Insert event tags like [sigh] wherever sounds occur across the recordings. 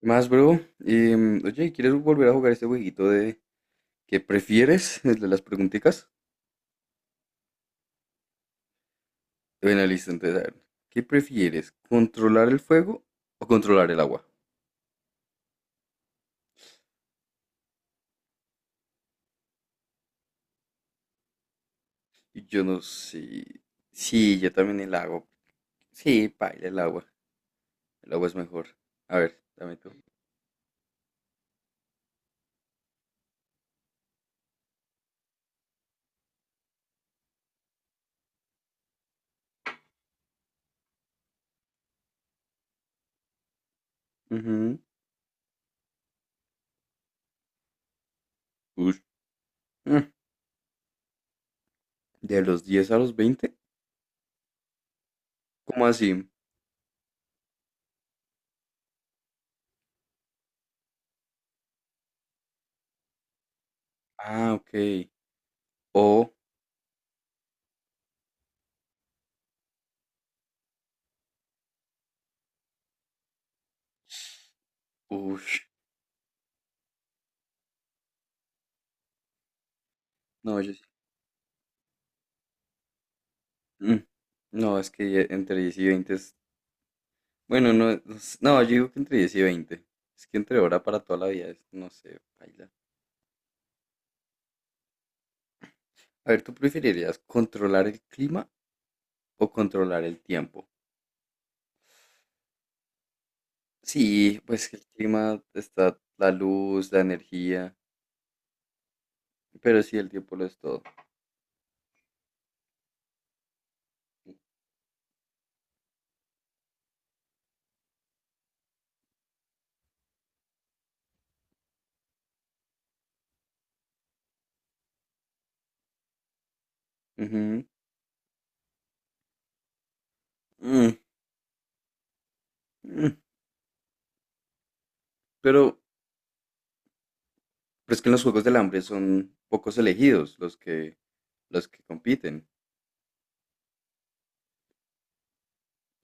¿Qué más, bro? Y, oye, ¿quieres volver a jugar ese jueguito de qué prefieres? [laughs] El de las preguntitas. Bueno, listo, entonces, a ver. ¿Qué prefieres? ¿Controlar el fuego o controlar el agua? Y yo no sé. Sí, yo también el agua. Sí, paila, el agua. El agua es mejor. A ver, dame tú. Ujú. Ush. Mm, ¿De los 10 a los 20? ¿Cómo así? Ah, ok. O. Uff. No, yo sí. Mm. No, es que ya entre 10 y 20. Bueno, no, no, no, yo digo que entre 10 y veinte. Es que entre hora para toda la vida es, no sé, baila. A ver, ¿tú preferirías controlar el clima o controlar el tiempo? Sí, pues que el clima está la luz, la energía, pero sí, el tiempo lo es todo. Ujú. Mm, mm. Pero, pero es que en los Juegos del Hambre son pocos elegidos los que compiten.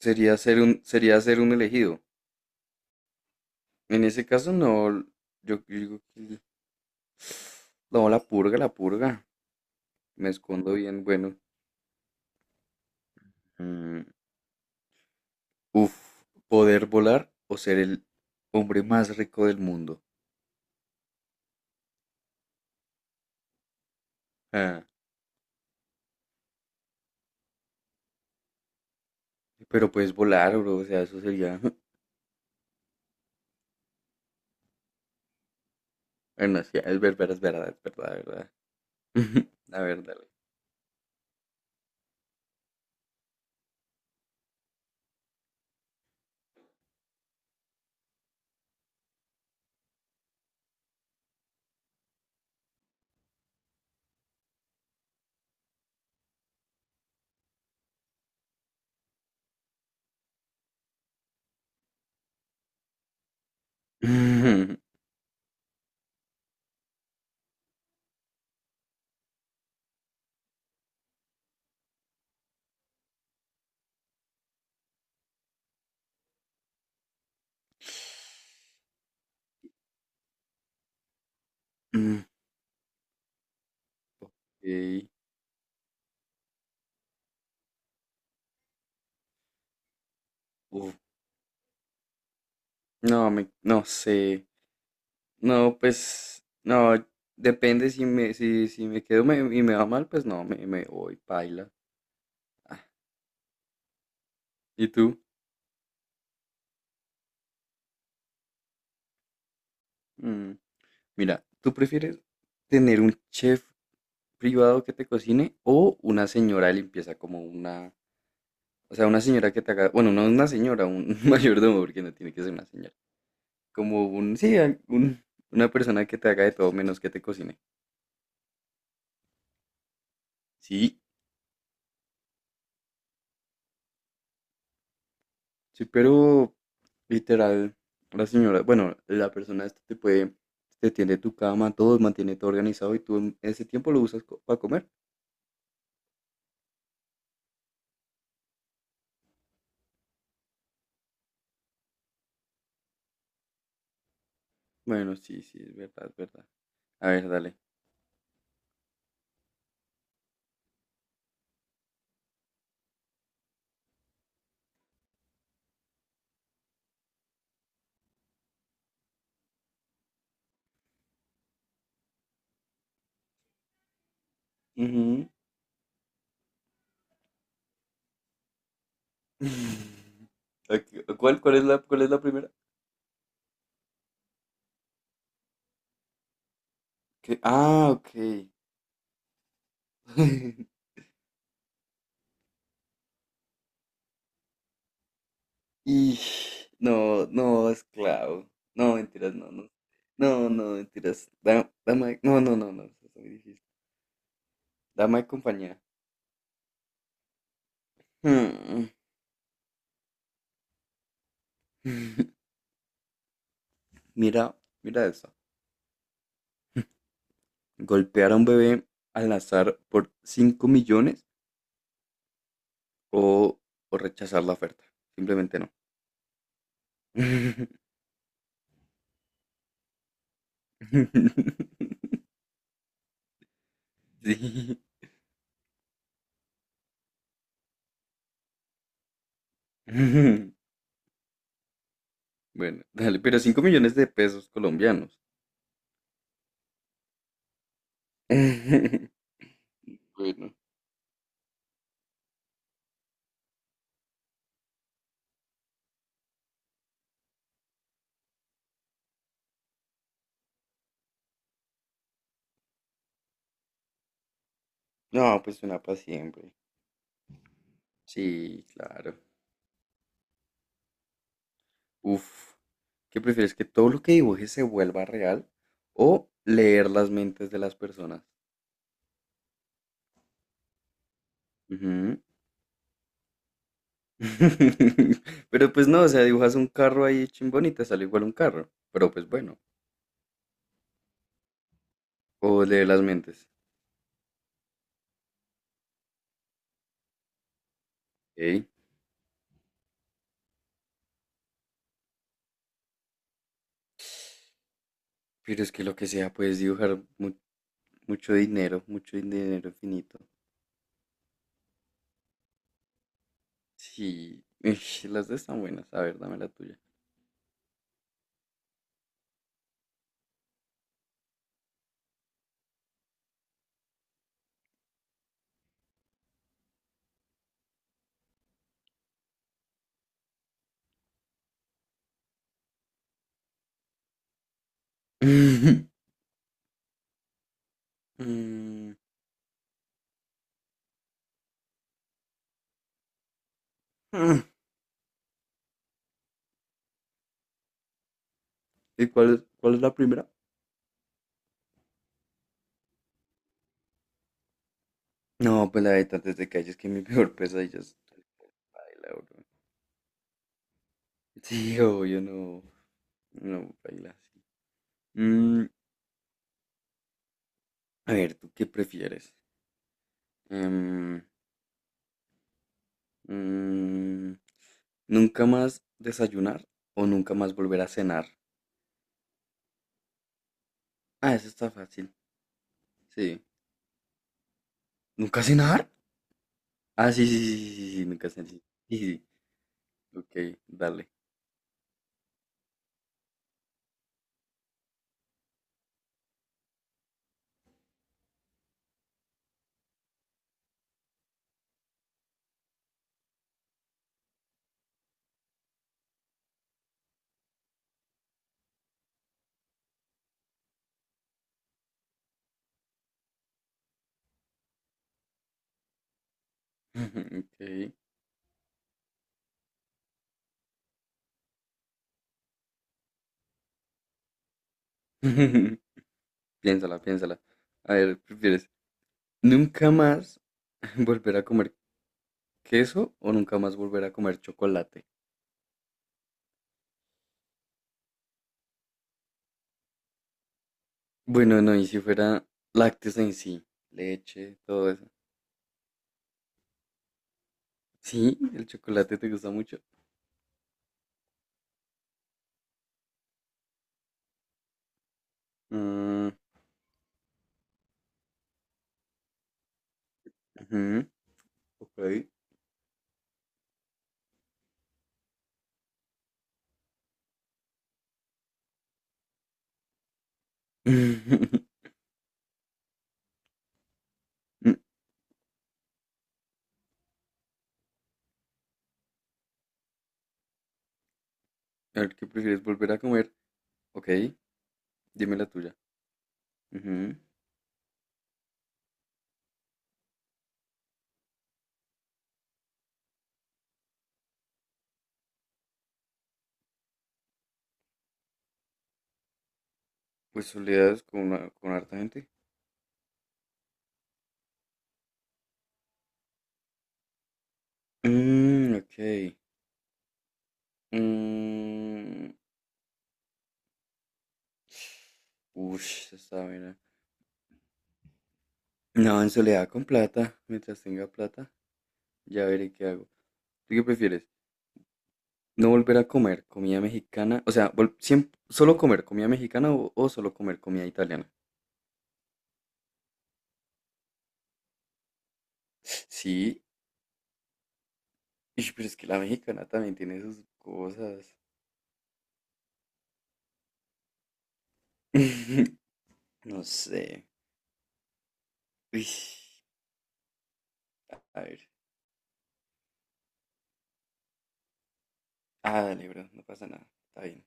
Sería ser un elegido. En ese caso, no, yo digo que no, la purga, la purga. Me escondo bien, bueno. mm, Uf, poder volar o ser el hombre más rico del mundo. Ah, pero puedes volar, bro, o sea, eso sería. [laughs] Bueno, sí, es verdad, es verdad, es verdad, es verdad. [laughs] A ver, dale. [laughs] Mm, ok, uf, no, no sé. No, pues, no, depende si me quedo y me va mal, pues no, me voy, paila. Ah, ¿y tú? Mm. Mira, ¿tú prefieres tener un chef privado que te cocine o una señora de limpieza o sea, una señora que te haga, bueno, no una señora, un [laughs] mayordomo, porque no tiene que ser una señora, sí, una persona que te haga de todo menos que te cocine. Sí, sí, pero literal, la señora, bueno, la persona esta te tiende tu cama, todo, mantiene todo organizado y tú en ese tiempo lo usas para comer. Bueno, sí, sí, es verdad, es verdad. A ver, dale. Ujú. [laughs] Ok, ¿Cuál es la primera? Ah, ok. [laughs] Y no, no, esclavo. No, mentiras, no, no. No, no, mentiras. Dama, no, no, no, no, eso está muy difícil. Dama de compañía. Hmm. [laughs] Mira, mira eso. Golpear a un bebé al azar por 5 millones o, o rechazar la oferta. Simplemente no. [laughs] Sí. [laughs] Bueno, [laughs] dale, pero 5 millones de pesos colombianos. [laughs] Bueno, no, pues una para siempre. Sí, claro. Uf, ¿qué prefieres? ¿Que todo lo que dibujes se vuelva real o leer las mentes de las personas? Ujú. [laughs] Pero pues no, o sea, dibujas un carro ahí chimbón y te sale igual un carro. Pero pues bueno, o leer las mentes. Ey, pero es que lo que sea, puedes dibujar mucho dinero infinito. Sí, [laughs] las dos están buenas. A ver, dame la tuya. [laughs] ¿Y cuál es la primera? No, pues la de tantas de calles que mi peor pesadilla es paila, bro. Sí, obvio, no. No, paila, sí. Mm, a ver, ¿tú qué prefieres? Em, mm, ¿Nunca más desayunar o nunca más volver a cenar? Ah, eso está fácil. Sí. ¿Nunca cenar? Ah, sí, sí, sí, sí, sí, nunca cenar. Sí, sí, sí. Ok, dale. [laughs] Ok. [laughs] Piénsala, piénsala. A ver, ¿prefieres nunca más [laughs] volver a comer queso o nunca más volver a comer chocolate? Bueno, no, y si fuera lácteos en sí, leche, todo eso. Sí, el chocolate te gusta mucho. Mm, ujú, ok. [laughs] Mm, A ver, ¿qué prefieres volver a comer? Ok, dime la tuya. Ujú. Pues soledades con harta gente. Ok. Mm, [sniffs] ush, esa está buena. No, en soledad con plata, mientras tenga plata. Ya veré qué hago. ¿Tú qué prefieres? ¿No volver a comer comida mexicana? O sea, siempre, solo comer comida mexicana o solo comer comida italiana. Sí, ish, pero es que la mexicana también tiene sus cosas. [laughs] No sé. Uy, a ver. Ah, dale, bro, no pasa nada. Está bien.